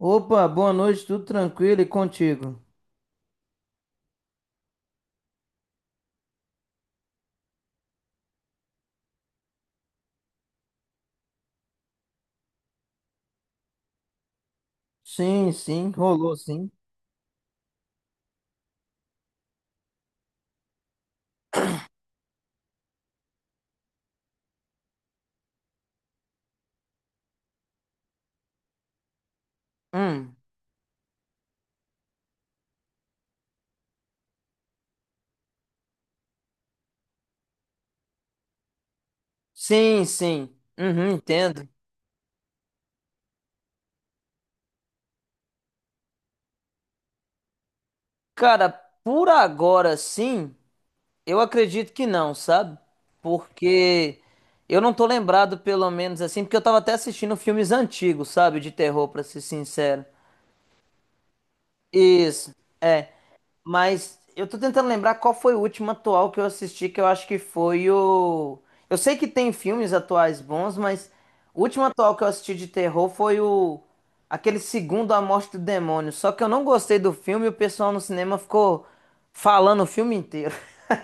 Opa, boa noite, tudo tranquilo e contigo? Sim, sim, rolou sim. Hum, sim, sim. Uhum, entendo. Cara, por agora sim, eu acredito que não, sabe? Porque eu não tô lembrado, pelo menos assim, porque eu tava até assistindo filmes antigos, sabe? De terror, pra ser sincero. Isso, é. Mas eu tô tentando lembrar qual foi o último atual que eu assisti, que eu acho que foi o. Eu sei que tem filmes atuais bons, mas o último atual que eu assisti de terror foi o. Aquele segundo A Morte do Demônio. Só que eu não gostei do filme e o pessoal no cinema ficou falando o filme inteiro.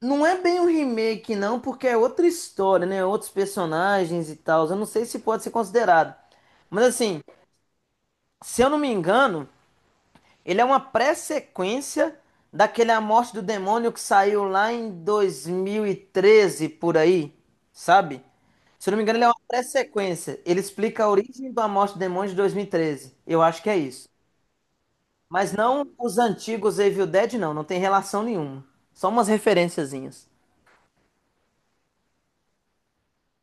Não é bem um remake, não, porque é outra história, né? Outros personagens e tal. Eu não sei se pode ser considerado. Mas assim, se eu não me engano. Ele é uma pré-sequência daquele A Morte do Demônio que saiu lá em 2013, por aí, sabe? Se eu não me engano, ele é uma pré-sequência. Ele explica a origem do A Morte do Demônio de 2013. Eu acho que é isso. Mas não os antigos Evil Dead, não. Não tem relação nenhuma. Só umas referenciazinhas.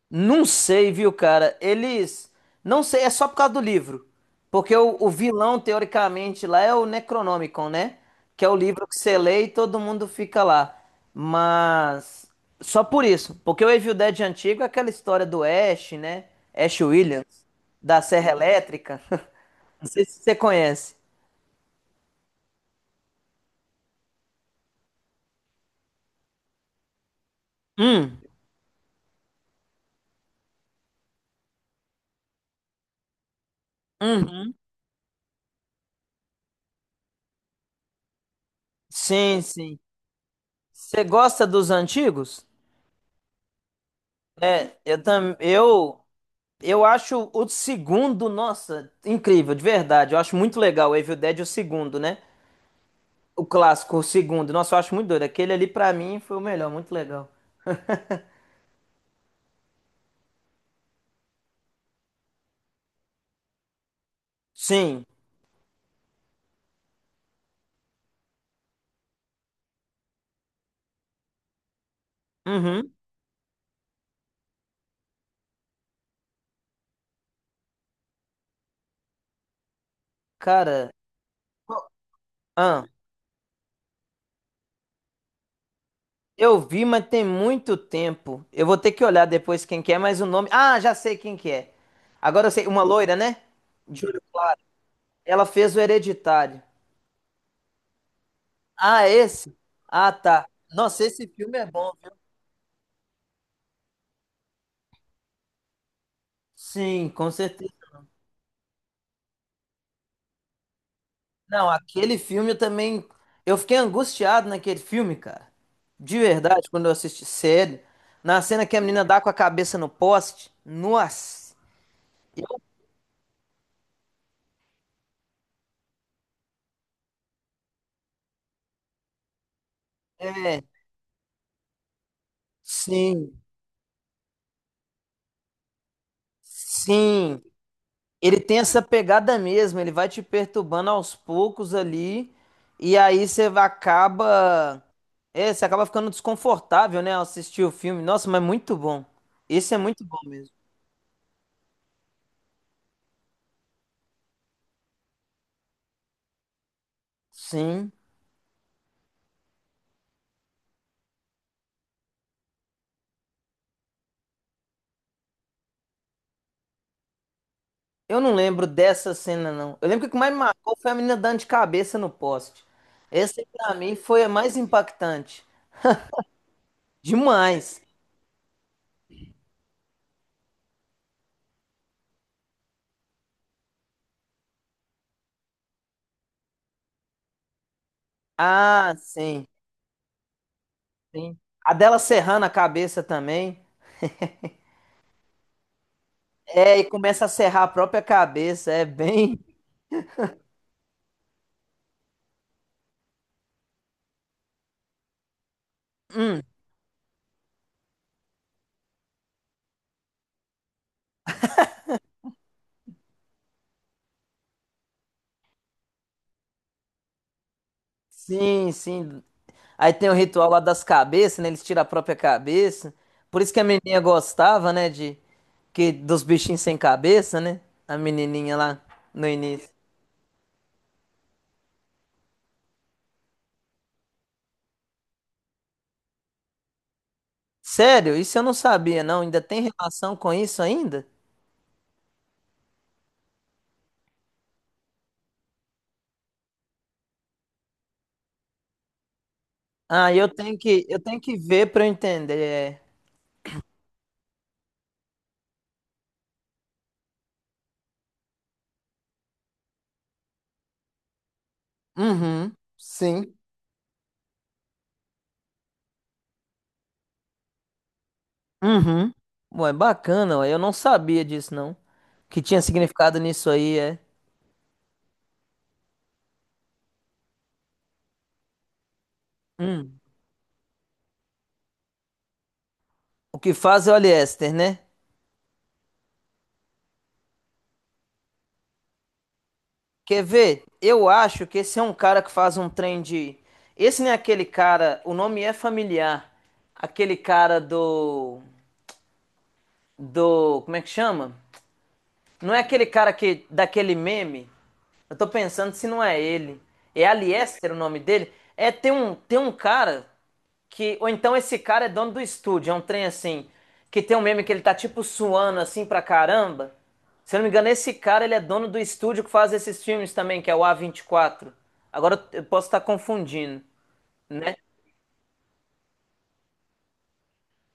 Não sei, viu, cara? Eles. Não sei, é só por causa do livro. Porque o vilão, teoricamente, lá é o Necronomicon, né? Que é o livro que você lê e todo mundo fica lá. Mas. Só por isso. Porque o Evil Dead antigo é aquela história do Ash, né? Ash Williams, da Serra Elétrica. Não sei se você conhece. Hum, uhum. Sim, sim. Você gosta dos antigos? É, eu também. Eu. Eu acho o segundo, nossa, incrível, de verdade. Eu acho muito legal o Evil Dead, o segundo, né? O clássico, o segundo. Nossa, eu acho muito doido. Aquele ali, pra mim, foi o melhor, muito legal. Sim. Uhum. Cara, qual- ah, eu vi, mas tem muito tempo. Eu vou ter que olhar depois quem que é, mas o nome. Ah, já sei quem que é. Agora eu sei, uma loira, né? De olho claro. Ela fez o Hereditário. Ah, esse? Ah, tá. Nossa, esse filme é bom, viu? Sim, com certeza. Não, aquele filme eu também. Eu fiquei angustiado naquele filme, cara. De verdade, quando eu assisti sério. Na cena que a menina dá com a cabeça no poste. Nossa! É, sim, sim. Ele tem essa pegada mesmo. Ele vai te perturbando aos poucos ali. E aí acaba. É, você acaba ficando desconfortável, né, ao assistir o filme. Nossa, mas muito bom. Esse é muito bom mesmo. Sim. Eu não lembro dessa cena, não. Eu lembro que o que mais me marcou foi a menina dando de cabeça no poste. Essa, aí, pra mim, foi a mais impactante. Demais. Ah, sim, sim. A dela serrando a cabeça também. É, e começa a serrar a própria cabeça. É bem. Sim, sim. Aí tem o ritual lá das cabeças, né? Eles tiram a própria cabeça. Por isso que a menininha gostava, né? De que dos bichinhos sem cabeça, né? A menininha lá no início. Sério? Isso eu não sabia, não. Ainda tem relação com isso ainda? Ah, eu tenho que ver para eu entender, é. Uhum. Sim. Uhum. Ué, bacana, ué. Eu não sabia disso, não. Que tinha significado nisso aí, é. Hum. O que faz é Oliéster, né? Quer ver? Eu acho que esse é um cara que faz um trem de. Esse não é aquele cara, o nome é familiar. Aquele cara do. Do. Como é que chama? Não é aquele cara que daquele meme? Eu tô pensando se não é ele. É Aliester o nome dele? É, tem um cara que. Ou então esse cara é dono do estúdio, é um trem assim. Que tem um meme que ele tá tipo suando assim pra caramba. Se eu não me engano, esse cara ele é dono do estúdio que faz esses filmes também, que é o A24. Agora eu posso estar confundindo, né?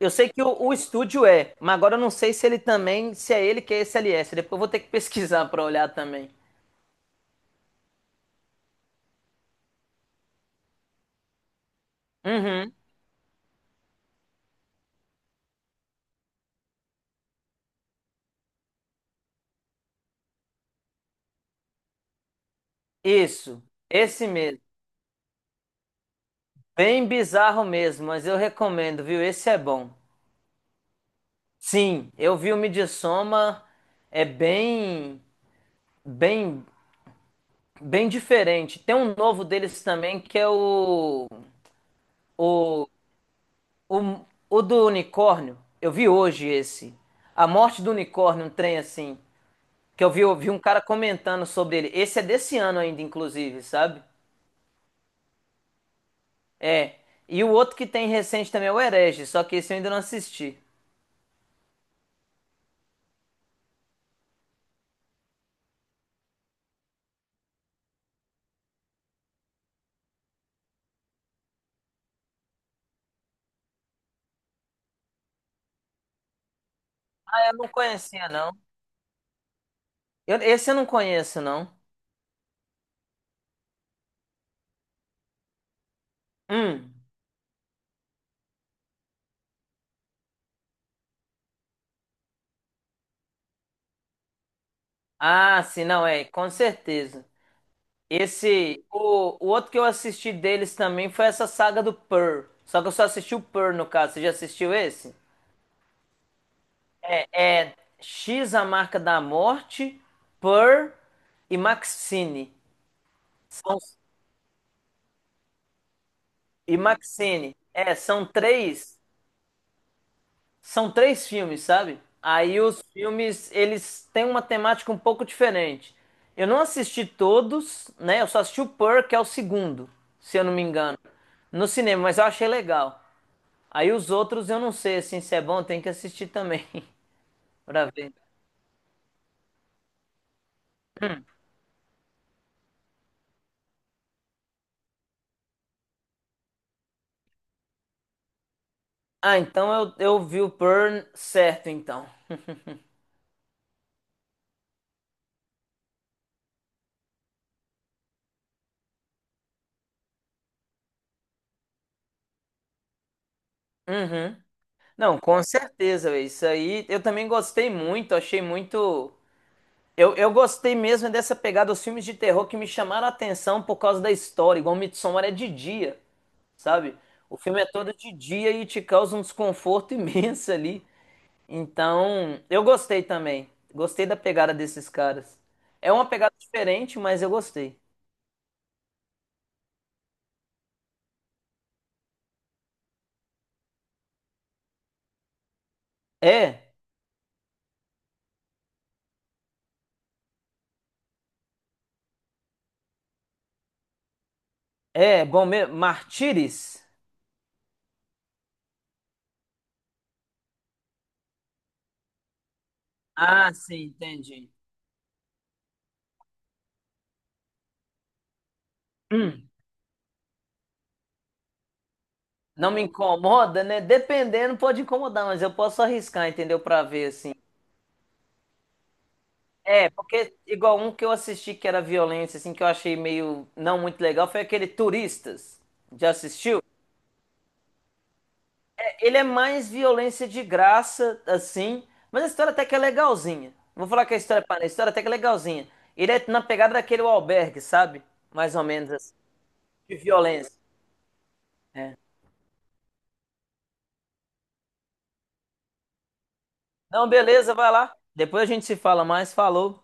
Eu sei que o estúdio é, mas agora eu não sei se ele também, se é ele que é esse LS. Depois eu vou ter que pesquisar pra olhar também. Uhum. Isso, esse mesmo. Bem bizarro mesmo, mas eu recomendo, viu? Esse é bom. Sim, eu vi o Midsommar, é bem, bem, bem diferente. Tem um novo deles também que é o, o, o do unicórnio. Eu vi hoje esse. A Morte do Unicórnio, um trem assim. Que eu vi um cara comentando sobre ele. Esse é desse ano ainda, inclusive, sabe? É. E o outro que tem recente também é o Herege, só que esse eu ainda não assisti. Eu não conhecia, não. Esse eu não conheço, não. Hum. Ah, sim, não, é, com certeza. Esse, o outro que eu assisti deles também foi essa saga do Pearl. Só que eu só assisti o Pearl, no caso. Você já assistiu esse? É X, a marca da morte, Pearl e Maxine. São, e Maxine. É, são três. São três filmes, sabe? Aí os filmes, eles têm uma temática um pouco diferente. Eu não assisti todos, né? Eu só assisti o Purr, que é o segundo, se eu não me engano, no cinema, mas eu achei legal. Aí os outros eu não sei, assim, se é bom, tem que assistir também, pra ver. Ah, então eu vi o Purr certo, então. Uhum. Não, com certeza, véi, isso aí eu também gostei muito, achei muito. Eu gostei mesmo dessa pegada dos filmes de terror que me chamaram a atenção por causa da história, igual Midsommar é de dia, sabe? O filme é todo de dia e te causa um desconforto imenso ali. Então, eu gostei também. Gostei da pegada desses caras. É uma pegada diferente, mas eu gostei. É, é, bom mesmo. Martires? Ah, sim, entendi. Hum, Não me incomoda, né? Dependendo, pode incomodar, mas eu posso arriscar, entendeu? Pra ver, assim. É, porque igual um que eu assisti que era violência, assim, que eu achei meio não muito legal, foi aquele Turistas. Já assistiu? É, ele é mais violência de graça, assim, mas a história até que é legalzinha. Vou falar que a história é para a história até que é legalzinha. Ele é na pegada daquele O Albergue, sabe? Mais ou menos assim, de violência. É. Não, beleza, vai lá. Depois a gente se fala mais, falou.